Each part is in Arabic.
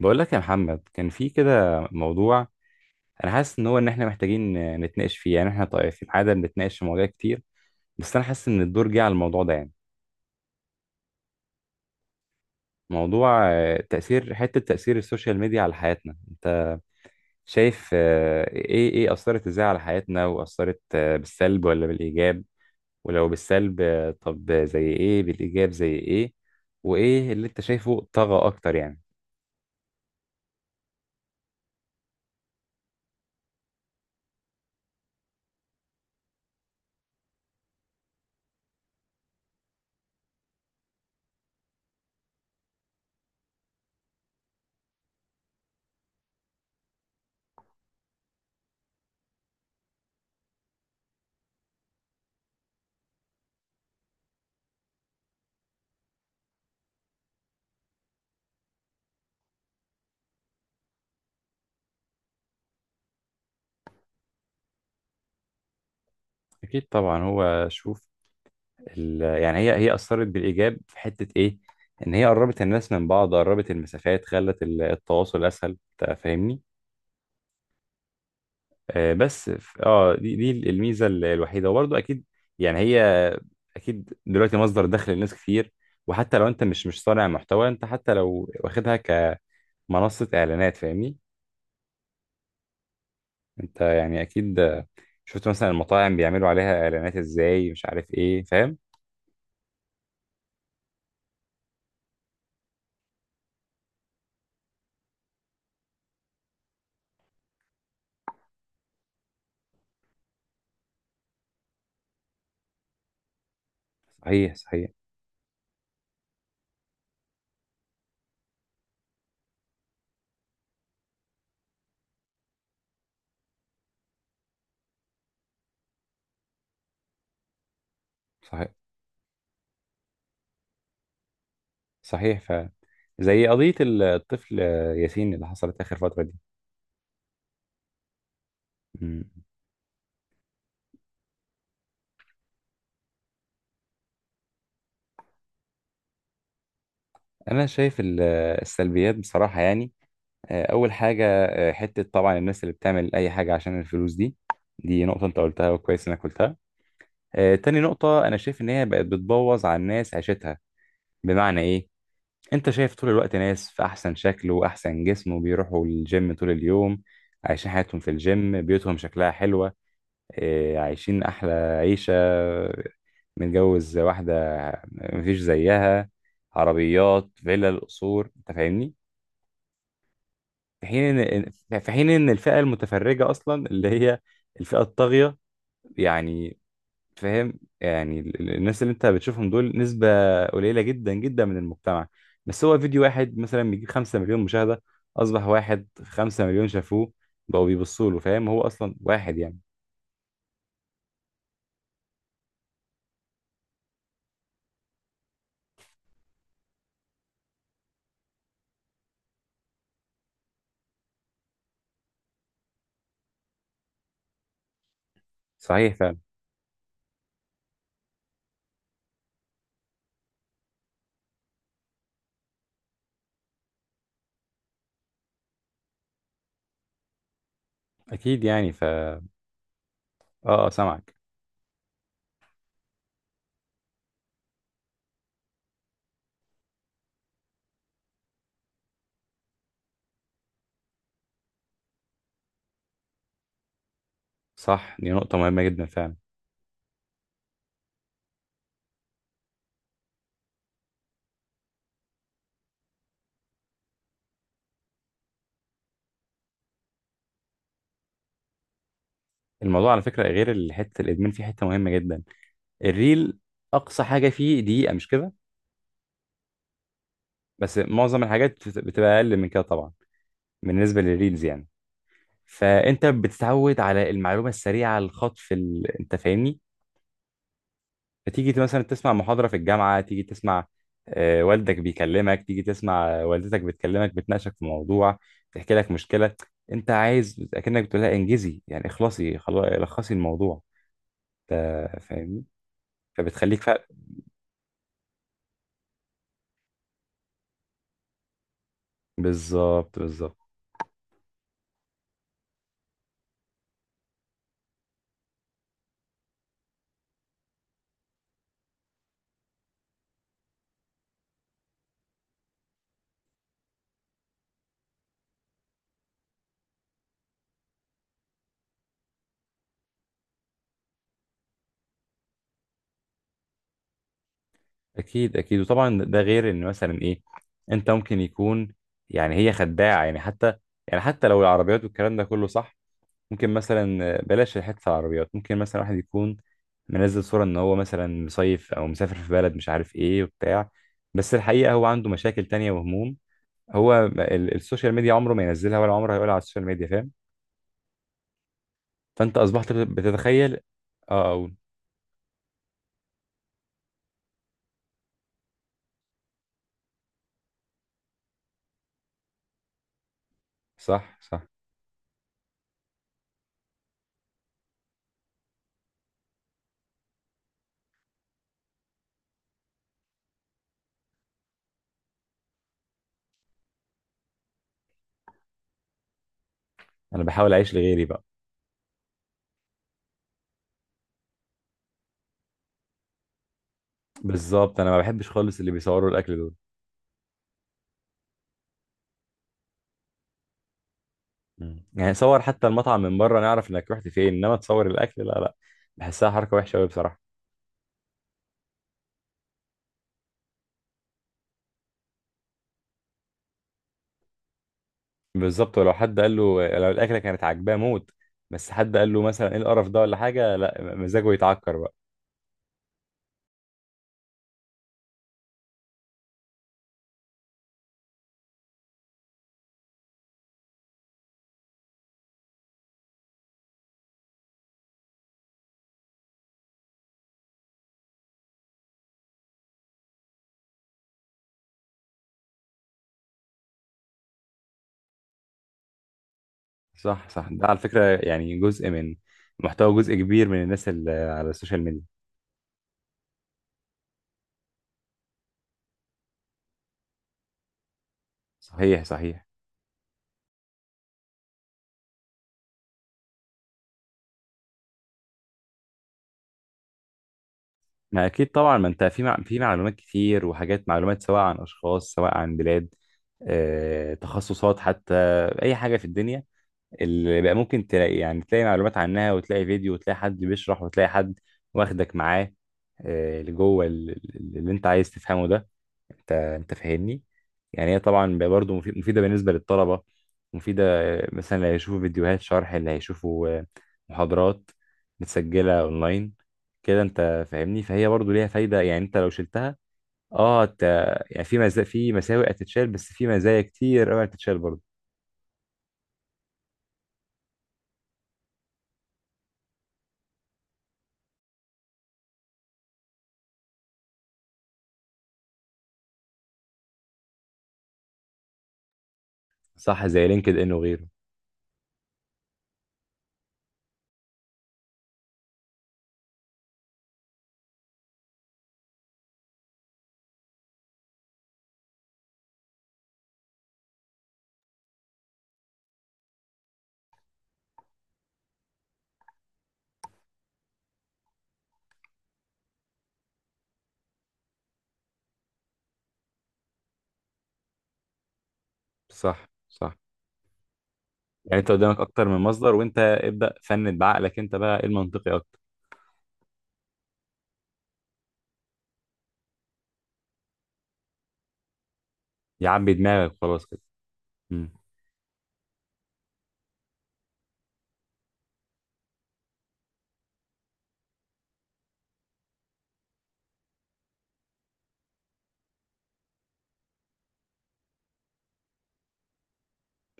بقول لك يا محمد، كان في كده موضوع. انا حاسس ان هو ان احنا محتاجين نتناقش فيه. يعني احنا طيب، في العاده بنتناقش في مواضيع كتير، بس انا حاسس ان الدور جه على الموضوع ده يعني. موضوع تاثير السوشيال ميديا على حياتنا. انت شايف، ايه اثرت ازاي على حياتنا، واثرت بالسلب ولا بالايجاب؟ ولو بالسلب، طب زي ايه؟ بالايجاب زي ايه؟ وايه اللي انت شايفه طغى اكتر يعني؟ اكيد طبعا، هو شوف يعني هي اثرت بالايجاب في حته ايه، ان هي قربت الناس من بعض، قربت المسافات، خلت التواصل اسهل. أنت فاهمني؟ بس دي الميزه الوحيده، وبرضه اكيد. يعني هي اكيد دلوقتي مصدر دخل لناس كتير، وحتى لو انت مش صانع محتوى، انت حتى لو واخدها كمنصه اعلانات، فاهمني؟ انت يعني اكيد. شفت مثلا المطاعم بيعملوا عليها اعلانات ازاي، مش عارف ايه، فاهم؟ صحيح، صحيح. صحيح، صحيح فعلا. زي قضية الطفل ياسين اللي حصلت آخر فترة دي. مم. أنا شايف السلبيات بصراحة، يعني أول حاجة، حتة طبعا الناس اللي بتعمل أي حاجة عشان الفلوس دي، دي نقطة أنت قلتها، وكويس إنك قلتها. تاني نقطة، أنا شايف إن هي بقت بتبوظ على الناس عيشتها. بمعنى إيه؟ أنت شايف طول الوقت ناس في أحسن شكل وأحسن جسم، وبيروحوا الجيم طول اليوم، عايشين حياتهم في الجيم، بيوتهم شكلها حلوة، إيه، عايشين أحلى عيشة، متجوز واحدة مفيش زيها، عربيات فيلا قصور، أنت فاهمني؟ في حين إن الفئة المتفرجة أصلا اللي هي الفئة الطاغية يعني، فاهم؟ يعني الناس اللي أنت بتشوفهم دول نسبة قليلة جدا جدا من المجتمع، بس هو فيديو واحد مثلا بيجيب 5 مليون مشاهدة، أصبح واحد 5 مليون شافوه، بقوا بيبصوا له، فاهم؟ هو أصلا واحد، يعني. صحيح فعلا. أكيد، يعني اه، سامعك. صح، دي نقطة مهمة جدا فعلا. الموضوع على فكرة، غير حتة الإدمان، فيه حتة مهمة جدا. الريل أقصى حاجة فيه دقيقة، مش كده؟ بس معظم الحاجات بتبقى أقل من كده طبعا، بالنسبة للريلز يعني. فأنت بتتعود على المعلومة السريعة، الخطف، أنت فاهمني؟ فتيجي مثلا تسمع محاضرة في الجامعة، تيجي تسمع، والدك بيكلمك، تيجي تسمع والدتك بتكلمك بتناقشك في موضوع، تحكي لك مشكلة، أنت عايز أكنك بتقولها إنجزي، يعني اخلصي خلاص لخصي الموضوع، فاهمني؟ فبتخليك فعلا. بالظبط، بالظبط. اكيد، اكيد، وطبعا ده غير ان مثلا ايه، انت ممكن يكون، يعني هي خداعه، يعني حتى، يعني حتى لو العربيات والكلام ده كله صح، ممكن مثلا بلاش حته العربيات، ممكن مثلا واحد يكون منزل صوره ان هو مثلا مصيف او مسافر في بلد مش عارف ايه وبتاع، بس الحقيقه هو عنده مشاكل تانية وهموم. هو السوشيال ميديا عمره ما ينزلها، ولا عمره هيقولها على السوشيال ميديا، فاهم؟ فانت اصبحت بتتخيل. اه، اقول. صح، صح. انا بحاول اعيش لغيري بقى. بالظبط، انا ما بحبش خالص اللي بيصوروا الاكل دول. مم. يعني صور حتى المطعم من بره نعرف انك رحت فين، انما تصور الاكل، لا، لا. بحسها حركه وحشه قوي بصراحه. بالظبط، ولو حد قال له لو الاكله كانت عاجباه موت، بس حد قال له مثلا ايه القرف ده ولا حاجه، لا مزاجه يتعكر بقى. صح، صح، ده على فكره يعني جزء من محتوى، جزء كبير من الناس اللي على السوشيال ميديا. صحيح، صحيح. ما اكيد طبعا، ما انت في معلومات كتير وحاجات، معلومات سواء عن اشخاص سواء عن بلاد، تخصصات حتى، اي حاجه في الدنيا اللي بقى ممكن تلاقي، يعني تلاقي معلومات عنها، وتلاقي فيديو، وتلاقي حد بيشرح، وتلاقي حد واخدك معاه لجوه اللي انت عايز تفهمه ده. انت فاهمني؟ يعني هي طبعا برضه مفيده بالنسبه للطلبه، مفيده مثلا، اللي هيشوفوا فيديوهات شرح، اللي هيشوفوا محاضرات متسجله اونلاين كده، انت فاهمني؟ فهي برضه ليها فايده، يعني انت لو شلتها، اه، انت يعني في في مساوئ هتتشال، بس في مزايا كتير قوي هتتشال برضه. صح، زي لينكد ان وغيره. صح، صح، يعني انت قدامك اكتر من مصدر، وانت ابدا فند بعقلك انت بقى ايه المنطقي اكتر، يعبي دماغك خلاص كده. امم.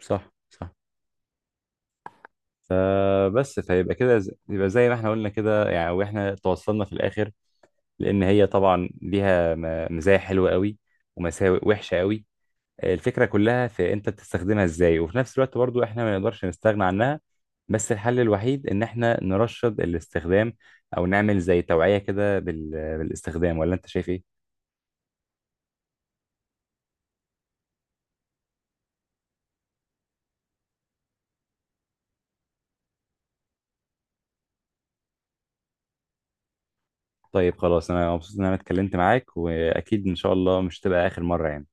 صح، صح، فبس فيبقى كده يبقى زي ما احنا قلنا كده، يعني واحنا توصلنا في الاخر، لان هي طبعا ليها مزايا حلوه قوي ومساوئ وحشه قوي، الفكره كلها في انت بتستخدمها ازاي، وفي نفس الوقت برضو احنا ما نقدرش نستغنى عنها، بس الحل الوحيد ان احنا نرشد الاستخدام، او نعمل زي توعيه كده بالاستخدام. ولا انت شايف ايه؟ طيب، خلاص، انا مبسوط ان انا اتكلمت معاك، واكيد ان شاء الله مش تبقى اخر مره يعني.